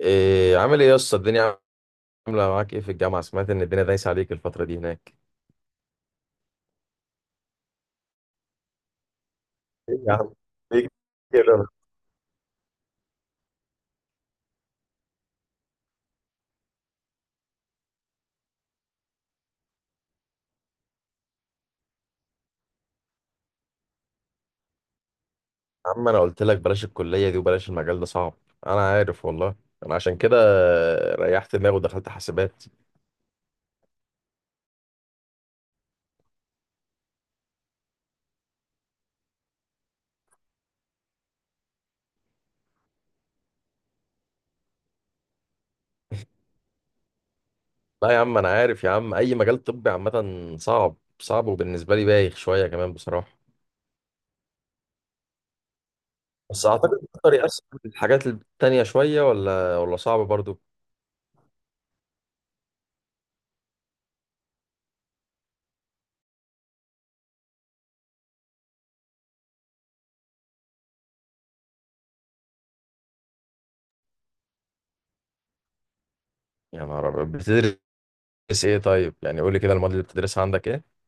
إيه عامل ايه يا اسطى؟ الدنيا عامله معاك ايه في الجامعه؟ سمعت ان الدنيا دايسه عليك الفتره دي هناك. ايه يا عم؟ ليه كده؟ يا عم انا قلت لك بلاش الكليه دي وبلاش المجال ده صعب. انا عارف والله. انا عشان كده ريحت دماغي ودخلت حاسبات. لا يا عم انا عارف يا عم، اي مجال طبي عامه صعب صعب، وبالنسبه لي بايخ شويه كمان بصراحه. بس اعتقد تقدر يأثر في الحاجات التانية شويه ولا صعب برضو؟ يا نهار ابيض، بتدرس ايه؟ طيب يعني قول لي كده، المواد اللي بتدرسها عندك ايه؟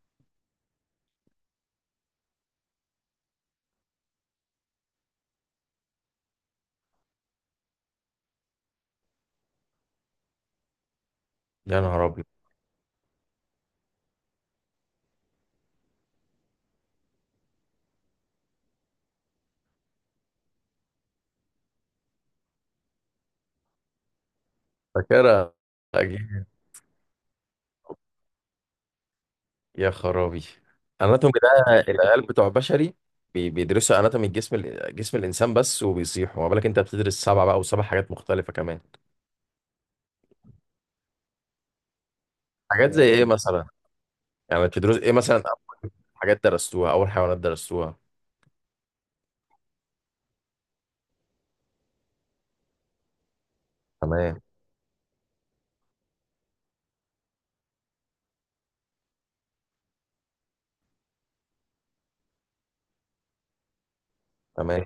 يا نهار ابيض. فاكرها؟ أكيد. يا خرابي، اناتومي ده العيال بتوع بشري بيدرسوا اناتومي جسم الانسان بس، وبيصيحوا، ما بالك انت بتدرس سبعه بقى، وسبع حاجات مختلفه كمان. حاجات زي ايه مثلا؟ يعني بتدرس ايه مثلا اول؟ حاجات درستوها اول، حيوانات درستوها؟ تمام. تمام.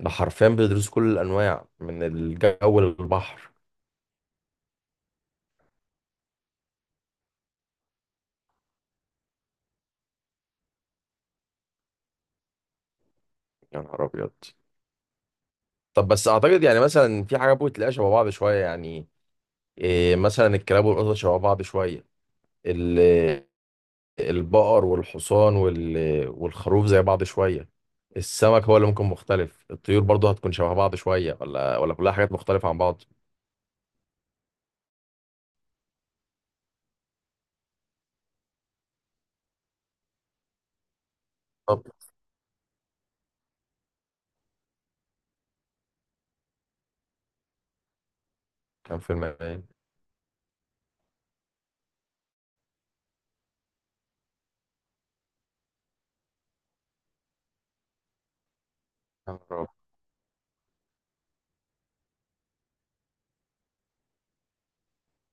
ده حرفيا بيدرسوا كل الانواع من الجو للبحر. يا نهار ابيض. طب بس اعتقد يعني مثلا في حاجه ممكن تلاقيها شبه بعض شويه، يعني إيه، مثلا الكلاب والقطط شبه بعض شويه، البقر والحصان وال... والخروف زي بعض شوية، السمك هو اللي ممكن مختلف، الطيور برضه هتكون شبه بعض شوية ولا كلها حاجات مختلفة عن بعض؟ طب كان فيلم ايه؟ يا رب.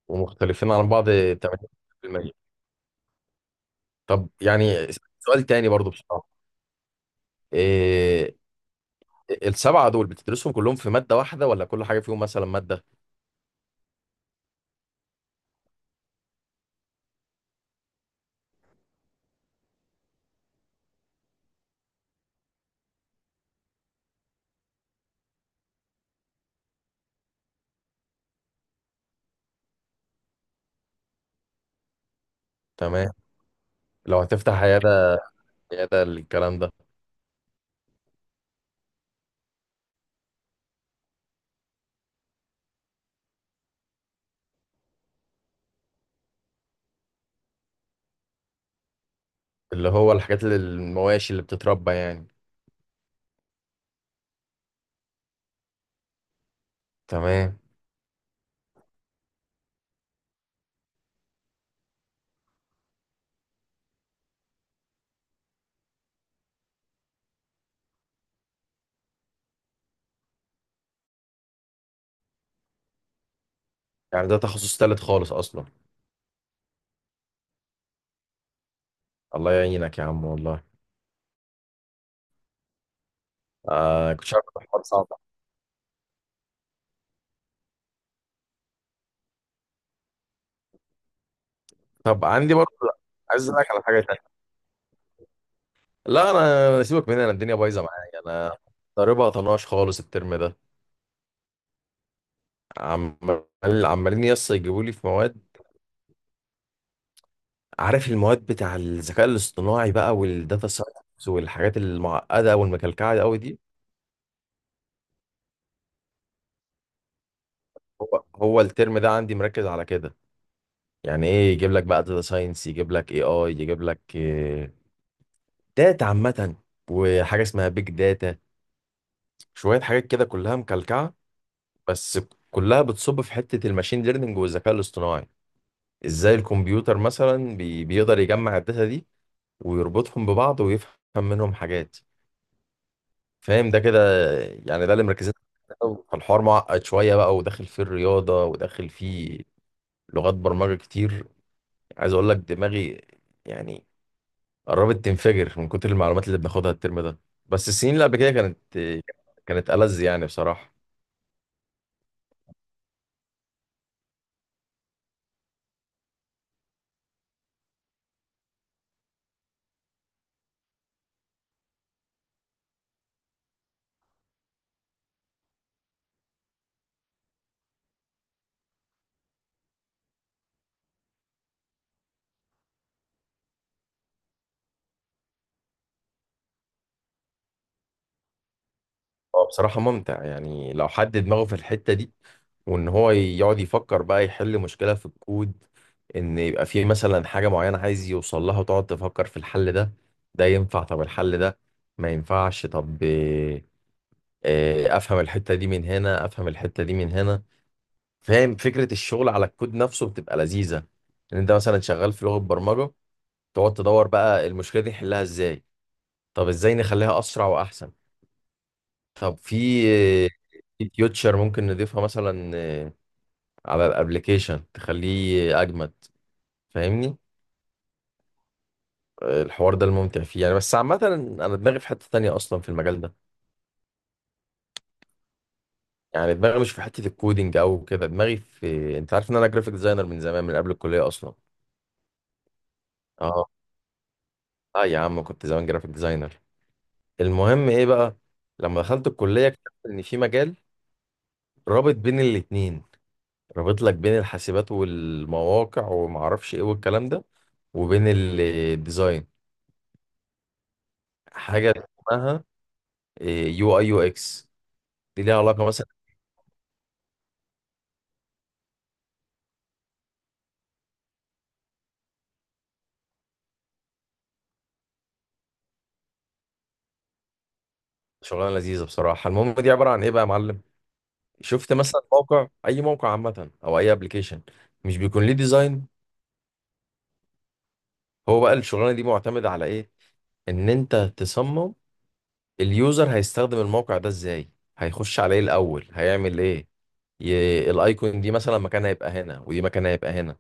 ومختلفين عن بعض 80%. طب يعني سؤال تاني برضه بصراحة. إيه، السبعة دول بتدرسهم كلهم في مادة واحدة، ولا كل حاجة فيهم مثلا مادة؟ تمام. لو هتفتح عيادة، عيادة الكلام ده؟ اللي هو الحاجات اللي المواشي اللي بتتربى يعني. تمام. يعني ده تخصص تالت خالص أصلا؟ الله يعينك يا عم والله. آه، كنت عارف إن الحوار صعب. طب عندي برضه، عايز اسالك على حاجه تانية. لا انا سيبك من انا، الدنيا بايظه معايا انا، ضاربها طناش خالص الترم ده. عمال عمالين يس يجيبوا لي في مواد. عارف المواد بتاع الذكاء الاصطناعي بقى، والداتا ساينس، والحاجات المعقده والمكلكعه قوي دي؟ هو الترم ده عندي مركز على كده. يعني ايه، يجيب لك بقى داتا ساينس، يجيب لك اي اي، يجيب لك داتا عامه، وحاجه اسمها بيج داتا، شوية حاجات كده كلها مكلكعة، بس كلها بتصب في حتة الماشين ليرنينج والذكاء الاصطناعي. ازاي الكمبيوتر مثلا بيقدر يجمع الداتا دي، ويربطهم ببعض، ويفهم منهم حاجات. فاهم ده كده؟ يعني ده اللي مركزين عليه. فالحوار معقد شوية بقى، وداخل فيه الرياضة، وداخل فيه لغات برمجة كتير. عايز اقول لك دماغي يعني قربت تنفجر من كتر المعلومات اللي بناخدها الترم ده. بس السنين اللي قبل كده كانت كانت ألذ يعني بصراحة. هو بصراحة ممتع، يعني لو حد دماغه في الحتة دي، وإن هو يقعد يفكر بقى، يحل مشكلة في الكود، إن يبقى فيه مثلا حاجة معينة عايز يوصل لها، وتقعد تفكر في الحل ده، ده ينفع؟ طب الحل ده ما ينفعش؟ طب إيه، إيه، أفهم الحتة دي من هنا، أفهم الحتة دي من هنا. فاهم فكرة الشغل على الكود نفسه بتبقى لذيذة، إن أنت مثلا شغال في لغة برمجة، تقعد تدور بقى المشكلة دي نحلها إزاي، طب إزاي نخليها أسرع وأحسن، طب في فيوتشر ممكن نضيفها مثلا، على الابليكيشن تخليه اجمد. فاهمني؟ الحوار ده الممتع فيه يعني، بس عامة انا دماغي في حتة تانية اصلا في المجال ده. يعني دماغي مش في حتة الكودينج او كده، دماغي في، انت عارف ان انا جرافيك ديزاينر من زمان من قبل الكلية اصلا. اه. اه يا عم، كنت زمان جرافيك ديزاينر. المهم ايه بقى، لما دخلت الكلية اكتشفت ان في مجال رابط بين الاتنين، رابط لك بين الحاسبات والمواقع وما اعرفش ايه والكلام ده، وبين الديزاين. حاجه اسمها يو اي يو اكس، دي ليها علاقه مثلا. شغلانه لذيذه بصراحه. المهم دي عباره عن ايه بقى يا معلم؟ شفت مثلا موقع، اي موقع عامه، او اي ابلكيشن، مش بيكون ليه ديزاين؟ هو بقى الشغلانه دي معتمده على ايه؟ ان انت تصمم اليوزر هيستخدم الموقع ده ازاي، هيخش على ايه الاول، هيعمل ايه، الايكون دي مثلا مكانها هيبقى هنا، ودي مكانها هيبقى هنا.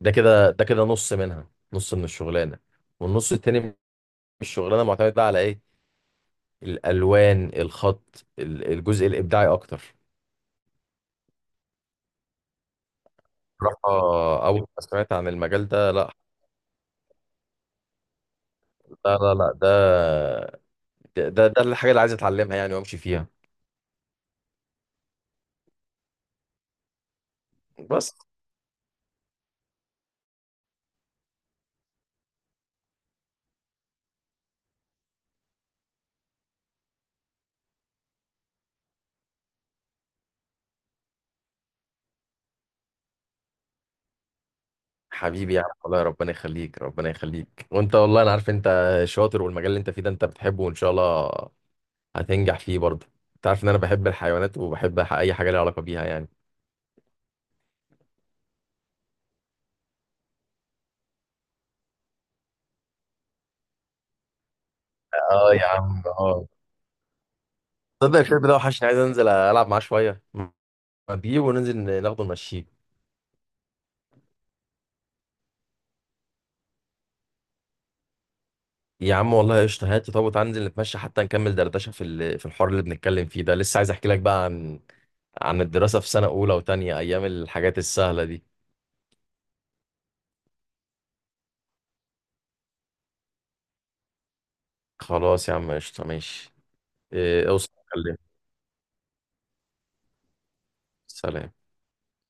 ده كده ده كده نص منها، نص من الشغلانه. والنص التاني من الشغلانه معتمد بقى على ايه؟ الالوان، الخط، الجزء الابداعي اكتر. بصراحه اول ما سمعت عن المجال ده، لا لا، ده ده الحاجه اللي عايز اتعلمها يعني وامشي فيها. بس حبيبي يا عم والله، ربنا يخليك ربنا يخليك، وانت والله انا عارف انت شاطر، والمجال اللي انت فيه ده انت بتحبه، وان شاء الله هتنجح فيه برضه. انت عارف ان انا بحب الحيوانات، وبحب اي حاجه ليها علاقه بيها يعني. اه يا عم اه. تصدق الشاب ده وحشني، عايز انزل العب معاه شويه، اجيبه وننزل، ناخده نمشيه. يا عم والله قشطه، هات طب، تعالى ننزل نتمشى حتى، نكمل دردشه في في الحوار اللي بنتكلم فيه ده، لسه عايز احكي لك بقى عن عن الدراسه في سنه اولى وتانية، ايام الحاجات السهله دي. خلاص يا عم قشطه ماشي. اوصل كلمني. سلام.